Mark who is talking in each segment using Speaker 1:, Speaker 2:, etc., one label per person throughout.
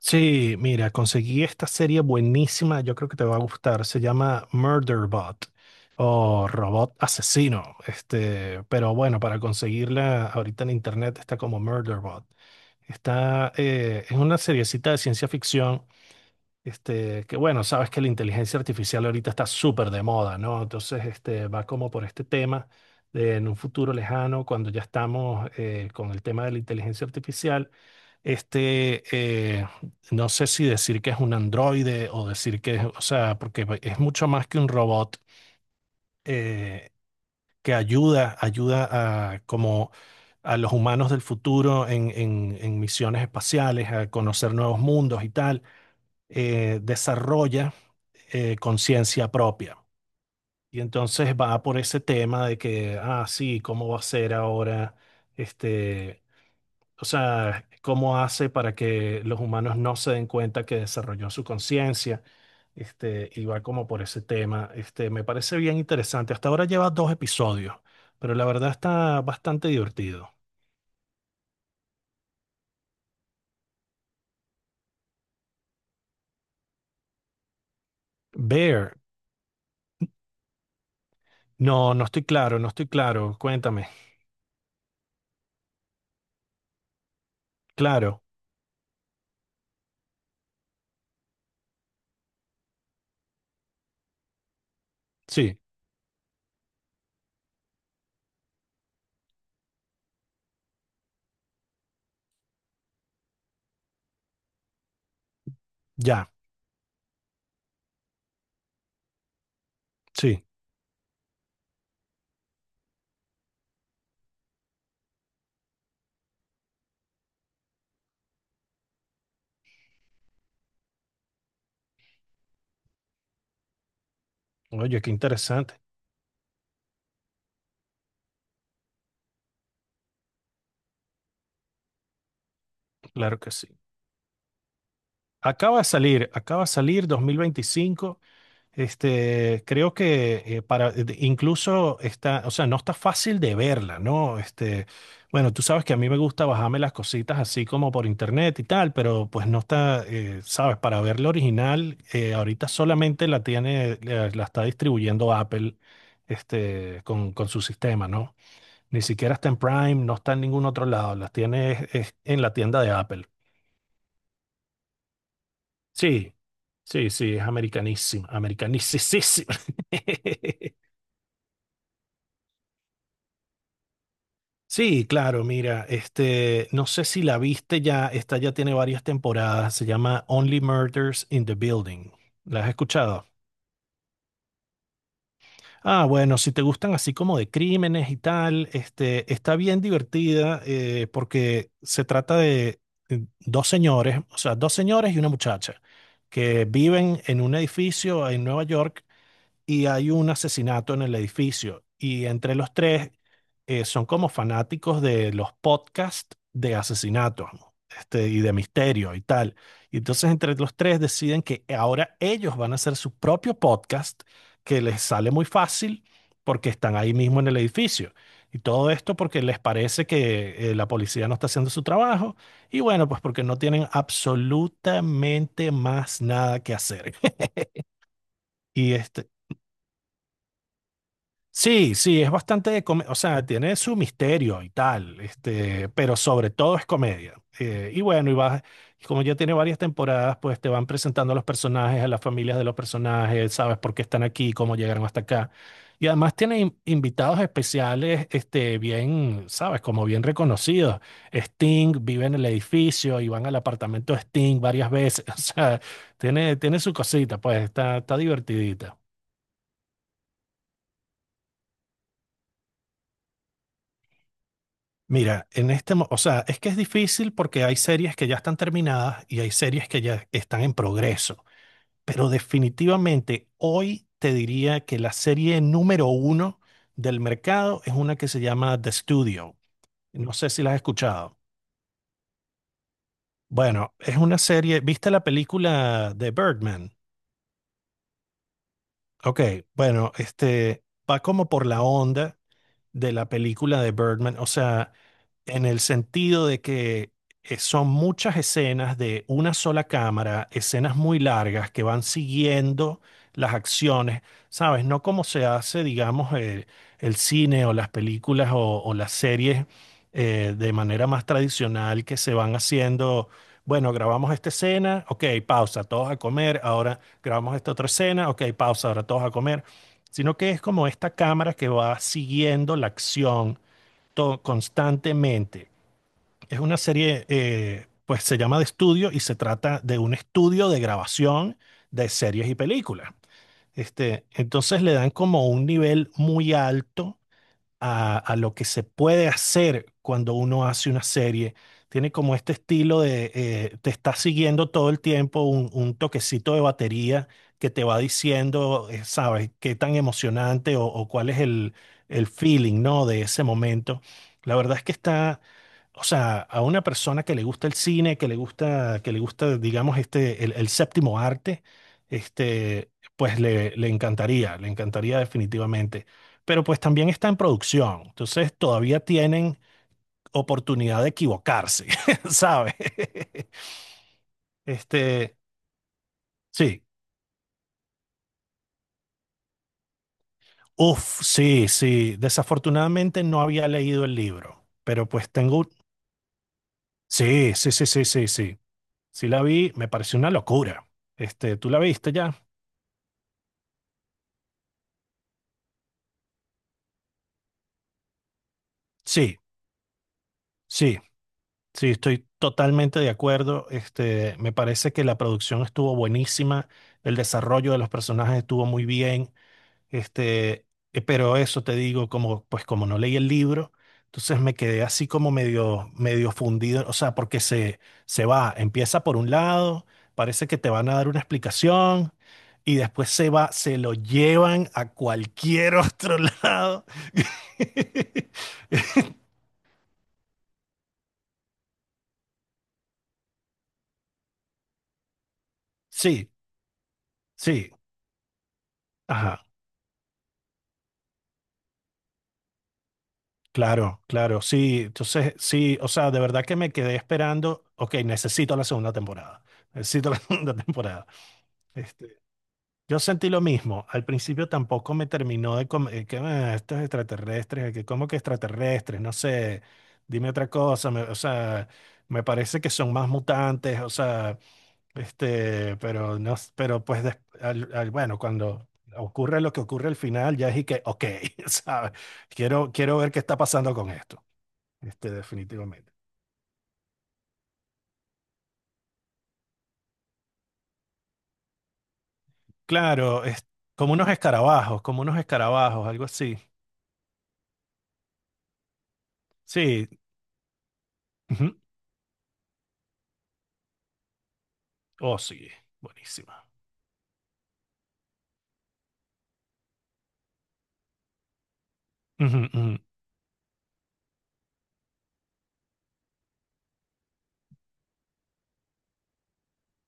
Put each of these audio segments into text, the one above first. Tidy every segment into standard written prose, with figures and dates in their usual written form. Speaker 1: Sí, mira, conseguí esta serie buenísima, yo creo que te va a gustar. Se llama Murderbot o Robot Asesino. Pero bueno, para conseguirla ahorita en internet está como Murderbot. Es una seriecita de ciencia ficción. Que bueno, sabes que la inteligencia artificial ahorita está súper de moda, ¿no? Entonces, va como por este tema de en un futuro lejano, cuando ya estamos con el tema de la inteligencia artificial este, eh, no sé si decir que es un androide o decir que es, o sea, porque es mucho más que un robot, eh, que ayuda a, como a los humanos del futuro en misiones espaciales, a conocer nuevos mundos y tal, desarrolla conciencia propia. Y entonces va por ese tema de que, ah, sí, ¿cómo va a ser ahora este? O sea, cómo hace para que los humanos no se den cuenta que desarrolló su conciencia, y va como por ese tema. Me parece bien interesante. Hasta ahora lleva dos episodios, pero la verdad está bastante divertido. Bear, no, no estoy claro, no estoy claro. Cuéntame. Claro, sí, ya, sí. Oye, qué interesante. Claro que sí. Acaba de salir 2025. Creo que incluso está, o sea, no está fácil de verla, ¿no? Bueno, tú sabes que a mí me gusta bajarme las cositas así como por internet y tal, pero pues no está, sabes, para ver la original, ahorita solamente la está distribuyendo Apple, con su sistema, ¿no? Ni siquiera está en Prime, no está en ningún otro lado, es en la tienda de Apple. Sí, sí, sí, es americanísima, americanísima. Sí, claro, mira, no sé si la viste ya, esta ya tiene varias temporadas, se llama Only Murders in the Building. ¿La has escuchado? Ah, bueno, si te gustan así como de crímenes y tal, está bien divertida, porque se trata de dos señores, o sea, dos señores y una muchacha que viven en un edificio en Nueva York y hay un asesinato en el edificio. Y entre los tres son como fanáticos de los podcasts de asesinatos, ¿no? Y de misterio y tal. Y entonces entre los tres deciden que ahora ellos van a hacer su propio podcast que les sale muy fácil porque están ahí mismo en el edificio. Y todo esto porque les parece que la policía no está haciendo su trabajo y bueno, pues porque no tienen absolutamente más nada que hacer. Y, este- Sí, sí, es o sea, tiene su misterio y tal, pero sobre todo es comedia. Y como ya tiene varias temporadas, pues te van presentando a los personajes, a las familias de los personajes, sabes por qué están aquí, cómo llegaron hasta acá. Y además tiene invitados especiales, bien, sabes, como bien reconocidos. Sting vive en el edificio y van al apartamento de Sting varias veces. O sea, tiene, tiene su cosita, pues está, está divertidita. Mira, o sea, es que es difícil porque hay series que ya están terminadas y hay series que ya están en progreso, pero definitivamente hoy te diría que la serie número uno del mercado es una que se llama The Studio. No sé si la has escuchado. Bueno, es una serie, ¿viste la película de Birdman? Ok, bueno, va como por la onda de la película de Birdman, o sea, en el sentido de que son muchas escenas de una sola cámara, escenas muy largas que van siguiendo las acciones, ¿sabes? No como se hace, digamos, el cine o las películas o las series de manera más tradicional que se van haciendo. Bueno, grabamos esta escena, ok, pausa, todos a comer, ahora grabamos esta otra escena, ok, pausa, ahora todos a comer, sino que es como esta cámara que va siguiendo la acción constantemente. Es una serie, pues se llama de estudio y se trata de un estudio de grabación de series y películas. Entonces le dan como un nivel muy alto a lo que se puede hacer cuando uno hace una serie. Tiene como este estilo de, te está siguiendo todo el tiempo un toquecito de batería que te va diciendo, sabes, qué tan emocionante o cuál es el feeling, ¿no? De ese momento. La verdad es que está, o sea, a una persona que le gusta el cine, que le gusta, digamos, el séptimo arte, pues le, le encantaría definitivamente. Pero pues también está en producción, entonces todavía tienen oportunidad de equivocarse, ¿sabes? Este, sí, uf, sí, sí. Desafortunadamente no había leído el libro, pero pues tengo, sí, sí, sí, sí, sí, sí. Sí la vi, me pareció una locura. ¿Tú la viste ya? Sí. Sí, sí, estoy totalmente de acuerdo. Me parece que la producción estuvo buenísima, el desarrollo de los personajes estuvo muy bien. Este, pero eso te digo, como, pues como no leí el libro, entonces me quedé así como medio, medio fundido. O sea, porque se va, empieza por un lado, parece que te van a dar una explicación. Y después se va, se lo llevan a cualquier otro lado. Sí, sí. Ajá. Claro, claro, sí, entonces sí, o sea, de verdad que me quedé esperando, ok, necesito la segunda temporada, necesito la segunda temporada. Este, yo sentí lo mismo, al principio tampoco me terminó que, ah, estos extraterrestres, que como que extraterrestres, no sé, dime otra cosa, o sea, me parece que son más mutantes, o sea, pero no, pero pues, bueno, cuando ocurre lo que ocurre al final, ya es y que, ok, ¿sabes? Quiero, quiero ver qué está pasando con esto. Definitivamente. Claro, es como unos escarabajos, algo así. Sí. Ujú. Oh, sí. Buenísima. Ujú, ujú.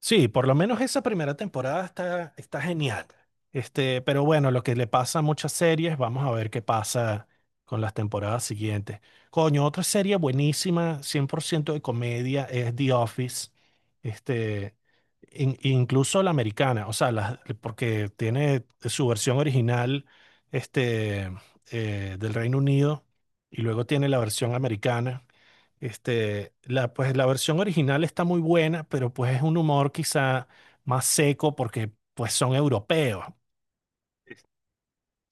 Speaker 1: Sí, por lo menos esa primera temporada está, está genial. Pero bueno, lo que le pasa a muchas series, vamos a ver qué pasa con las temporadas siguientes. Coño, otra serie buenísima, 100% de comedia, es The Office. Este, Incluso la americana, o sea, porque tiene su versión original, este, del Reino Unido y luego tiene la versión americana. Pues la versión original está muy buena, pero pues es un humor quizá más seco porque pues son europeos.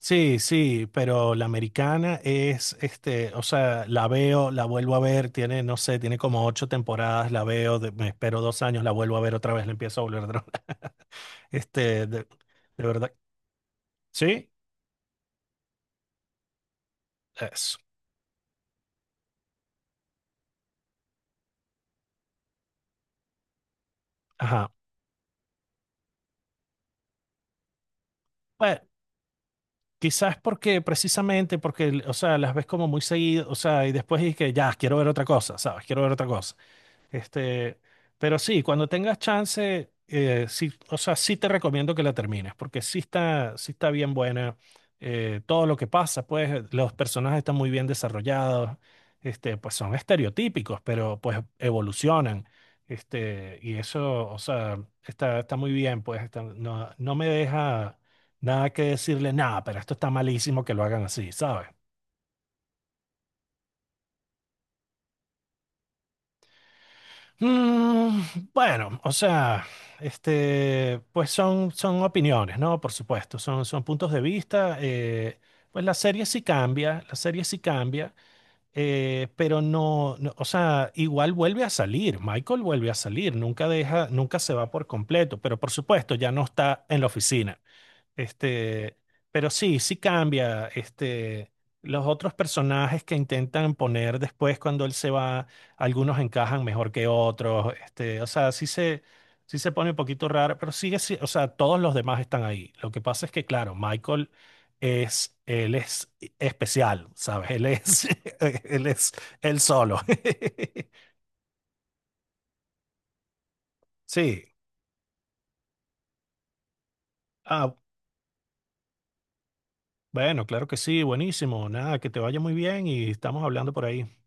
Speaker 1: Sí, sí, pero la americana es, o sea, la veo, la vuelvo a ver, tiene, no sé, tiene como 8 temporadas, la veo, me espero 2 años, la vuelvo a ver otra vez, la empiezo a volver a ver. Este, de, de verdad. Sí, eso. Ajá. Bueno, quizás porque, precisamente porque, o sea, las ves como muy seguido, o sea, y después es que ya, quiero ver otra cosa, ¿sabes? Quiero ver otra cosa. Este, pero sí, cuando tengas chance, sí, o sea, sí te recomiendo que la termines, porque sí está bien buena. Todo lo que pasa, pues los personajes están muy bien desarrollados, pues son estereotípicos, pero pues evolucionan. Y eso, o sea, está, está muy bien, pues no, no me deja nada que decirle, nada, pero esto está malísimo que lo hagan así, ¿sabes? Mm, bueno, o sea, pues son, son opiniones, ¿no? Por supuesto, son, son puntos de vista. Pues la serie sí cambia, la serie sí cambia, pero no, no, o sea, igual vuelve a salir, Michael vuelve a salir, nunca deja, nunca se va por completo, pero por supuesto ya no está en la oficina. Este, pero sí, sí cambia. Los otros personajes que intentan poner después cuando él se va, algunos encajan mejor que otros. O sea, sí se pone un poquito raro, pero sigue, o sea, todos los demás están ahí. Lo que pasa es que, claro, Michael es, él es especial, ¿sabes? Él es, él es él solo. Sí. Ah, bueno, claro que sí, buenísimo. Nada, que te vaya muy bien y estamos hablando por ahí.